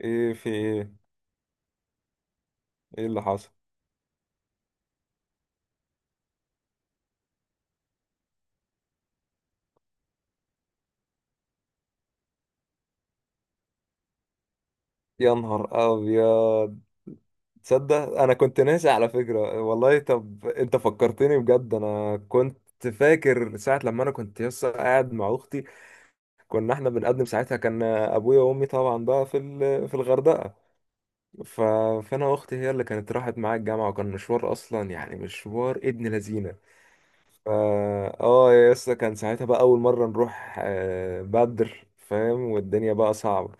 ايه في ايه؟ ايه اللي حصل؟ يا نهار ابيض. تصدق انا كنت ناسي على فكرة والله؟ طب انت فكرتني بجد، انا كنت فاكر ساعة لما انا كنت لسه قاعد مع اختي. كنا احنا بنقدم ساعتها، كان ابويا وامي طبعا بقى في الغردقة. ف... فانا واختي هي اللي كانت راحت معايا الجامعة، وكان مشوار اصلا، يعني مشوار ابن لذينة. فا اه يا اسطى، كان ساعتها بقى اول مره نروح، بدر فاهم، والدنيا بقى صعبه.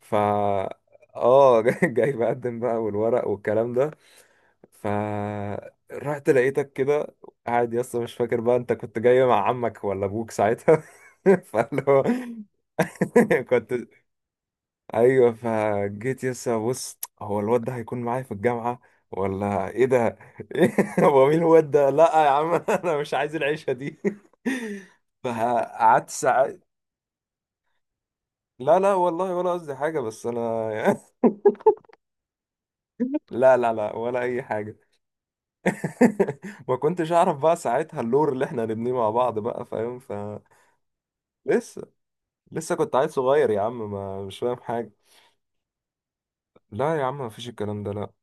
فا اه جاي بقدم بقى والورق والكلام ده. فا رحت لقيتك كده قاعد يا اسطى، مش فاكر بقى انت كنت جاي مع عمك ولا ابوك ساعتها. فاللي هو كنت، ايوه، فجيت يسا بص هو الواد ده هيكون معايا في الجامعه ولا ايه ده؟ إيه؟ هو مين الواد ده؟ لا يا عم، انا مش عايز العيشه دي. فقعدت ساعات. لا لا والله، ولا قصدي حاجه، بس انا لا لا لا، ولا اي حاجه. ما كنتش اعرف بقى ساعتها اللور اللي احنا هنبنيه مع بعض بقى، فاهم؟ لسه، لسه كنت عيل صغير يا عم، ما مش فاهم حاجه. لا يا عم، ما فيش الكلام ده، لا.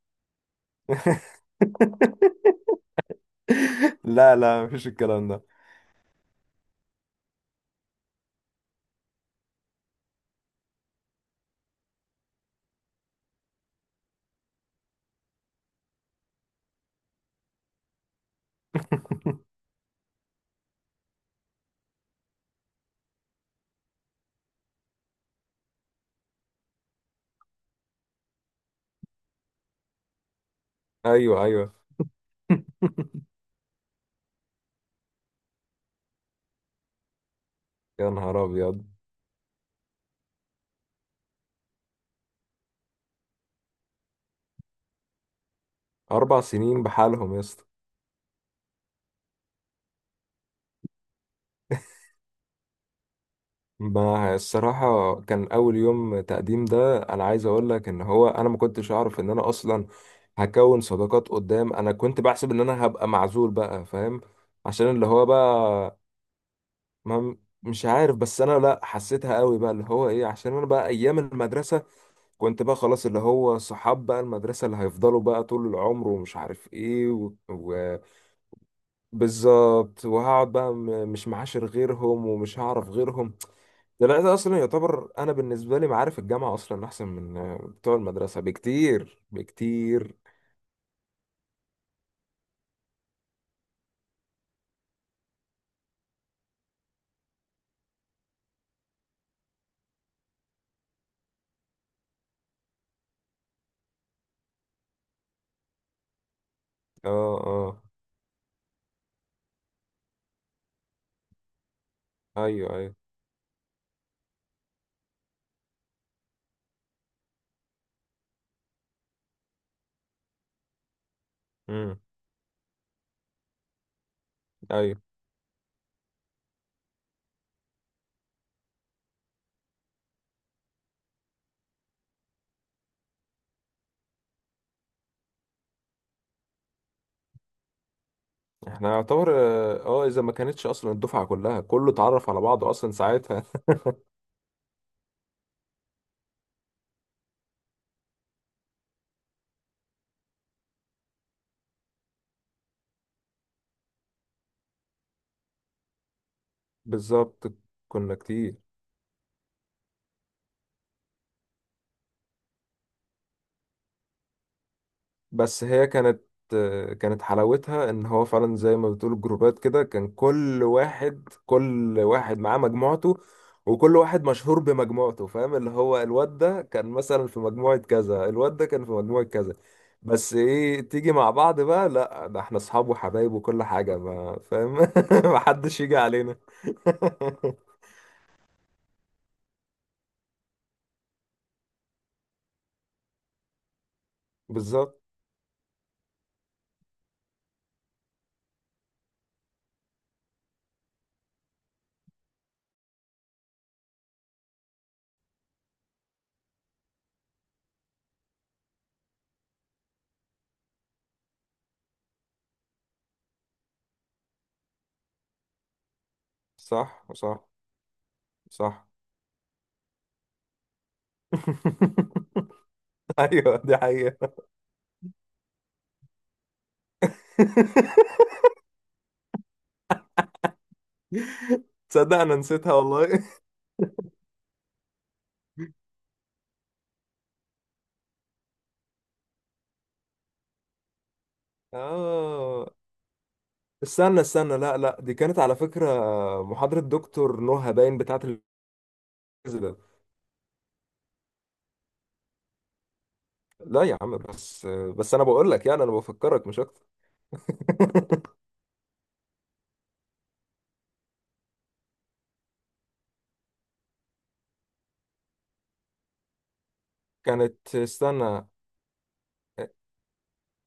لا لا، مفيش الكلام ده. ايوه ايوه. يا نهار ابيض. 4 سنين بحالهم يا اسطى. ما الصراحه كان اول يوم تقديم ده، انا عايز اقول لك ان هو انا ما كنتش اعرف ان انا اصلا هكون صداقات قدام. انا كنت بحسب ان انا هبقى معزول بقى، فاهم؟ عشان اللي هو بقى، ما مش عارف، بس انا لا حسيتها قوي بقى اللي هو ايه، عشان انا بقى ايام المدرسه كنت بقى خلاص اللي هو صحاب بقى المدرسه اللي هيفضلوا بقى طول العمر ومش عارف ايه. و... بالظبط. وهقعد بقى مش معاشر غيرهم ومش هعرف غيرهم. ده لا، ده اصلا يعتبر انا بالنسبه لي معارف الجامعه اصلا احسن من بتوع المدرسه بكتير بكتير. اه اه. ايوه ايوه. امم. ايوه. احنا يعتبر اه، اذا ما كانتش اصلا الدفعه كلها كله اتعرف على بعضه اصلا ساعتها. بالظبط. كنا كتير. بس هي كانت حلاوتها ان هو فعلا زي ما بتقول جروبات كده، كان كل واحد معاه مجموعته، وكل واحد مشهور بمجموعته، فاهم؟ اللي هو الواد ده كان مثلا في مجموعة كذا، الواد ده كان في مجموعة كذا. بس ايه، تيجي مع بعض بقى، لا ده احنا اصحاب وحبايب وكل حاجة، ما فاهم؟ محدش يجي علينا. بالظبط. صح صح صح. ايوه دي حقيقة. تصدق انا نسيتها والله؟ اه، استنى استنى، لا لا، دي كانت على فكرة محاضرة دكتور نهى، باين بتاعة الفيزياء. لا يا عم، بس بس انا بقول لك، يعني انا بفكرك مش اكتر. كانت، استنى،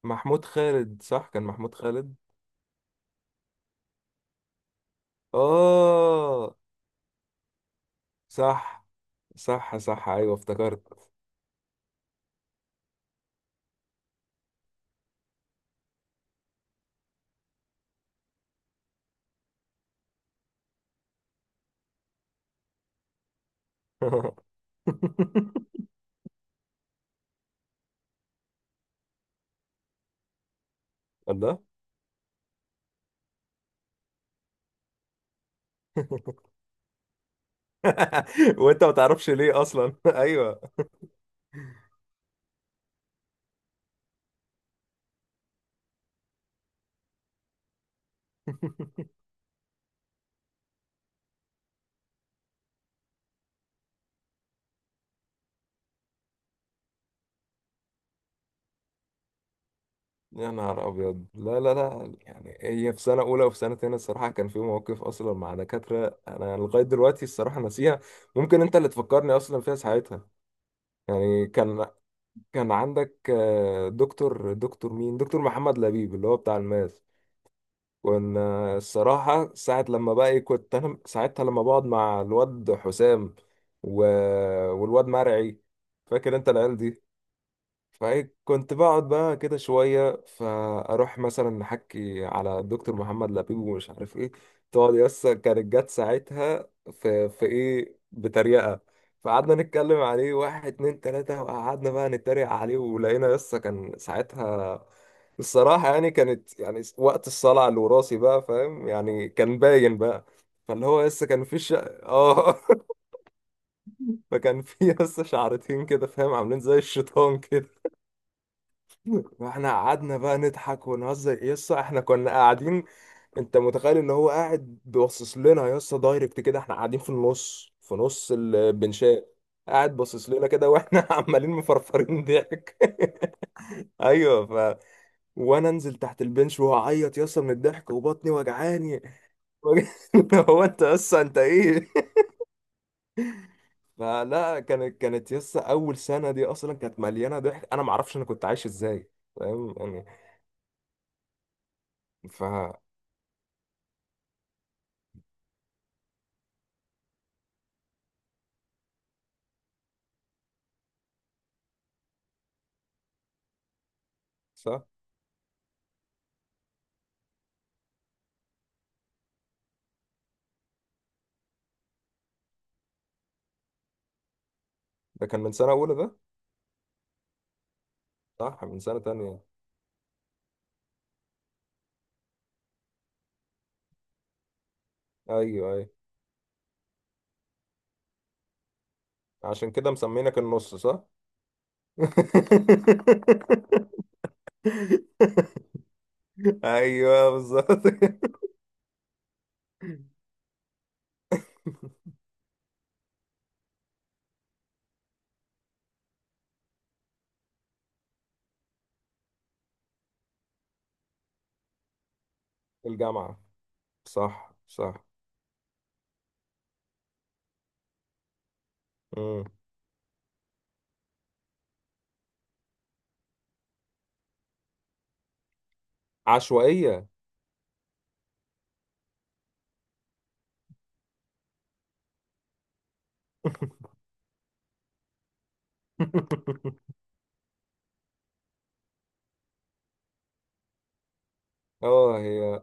محمود خالد، صح، كان محمود خالد. اه. صح صح صح، ايوه افتكرت. الله. وانت ما تعرفش ليه اصلا. ايوه. يا نهار أبيض. لا لا لا، يعني هي في سنة أولى وفي سنة تانية الصراحة، كان في مواقف أصلا مع دكاترة أنا لغاية دلوقتي الصراحة ناسيها. ممكن أنت اللي تفكرني أصلا فيها ساعتها. يعني كان عندك دكتور، دكتور مين؟ دكتور محمد لبيب، اللي هو بتاع الماس. كنا الصراحة ساعة لما بقى كنت أنا ساعتها لما بقعد مع الواد حسام و... والواد مرعي، فاكر أنت العيال دي؟ فكنت بقعد بقى كده شوية، فأروح مثلا أحكي على الدكتور محمد لبيب ومش عارف إيه. تقعد يسا، كانت جت ساعتها في إيه، بتريقة. فقعدنا نتكلم عليه، واحد اتنين تلاتة، وقعدنا بقى نتريق عليه، ولقينا يسا كان ساعتها الصراحة يعني كانت يعني وقت الصلع الوراثي بقى، فاهم يعني؟ كان باين بقى. فاللي هو لسه كان في اه فكان في لسه شعرتين كده فاهم، عاملين زي الشيطان كده. فاحنا قعدنا بقى نضحك ونهزر، يسا احنا كنا قاعدين. انت متخيل ان هو قاعد بيبصص لنا يسا دايركت كده، احنا قاعدين في النص، في نص البنشاء. قاعد باصص لنا كده واحنا عمالين مفرفرين ضحك. ايوه. ف وانا انزل تحت البنش وهعيط يسا من الضحك وبطني وجعاني. هو انت يسا انت ايه؟ فلا، كانت، كانت يسا اول سنه دي اصلا كانت مليانه ضحك، انا معرفش انا كنت عايش ازاي. فاهم يعني؟ ف صح. ده كان من سنة أولى ده؟ صح، من سنة تانية. أيوه أيوه. عشان كده مسمينك النص، صح. أيوه بالظبط. الجامعة. صح صح. مم. عشوائية. اه هي.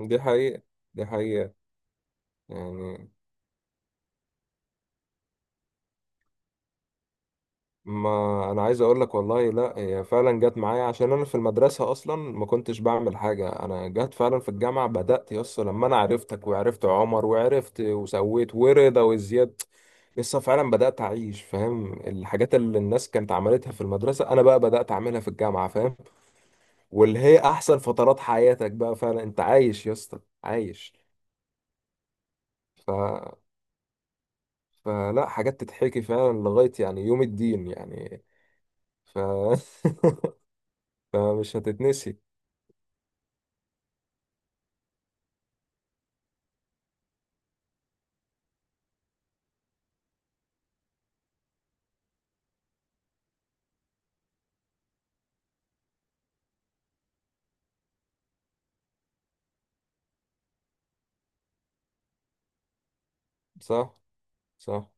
دي حقيقة. دي حقيقة. يعني ما انا عايز اقول لك والله، لا هي فعلا جت معايا، عشان انا في المدرسه اصلا ما كنتش بعمل حاجه، انا جت فعلا في الجامعه بدات يس لما انا عرفتك، وعرفت عمر، وعرفت وسويت ورضا وزياد. لسه فعلا بدات اعيش، فاهم؟ الحاجات اللي الناس كانت عملتها في المدرسه انا بقى بدات اعملها في الجامعه، فاهم؟ واللي هي احسن فترات حياتك بقى فعلا انت عايش يا اسطى، عايش. ف فلا، حاجات تتحكي فعلا لغايه يعني يوم الدين يعني. ف فمش هتتنسي. صح صح.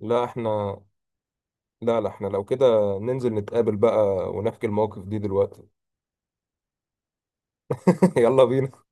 لا احنا، لا لا احنا لو كده ننزل نتقابل بقى ونحكي المواقف دي دلوقتي. يلا بينا.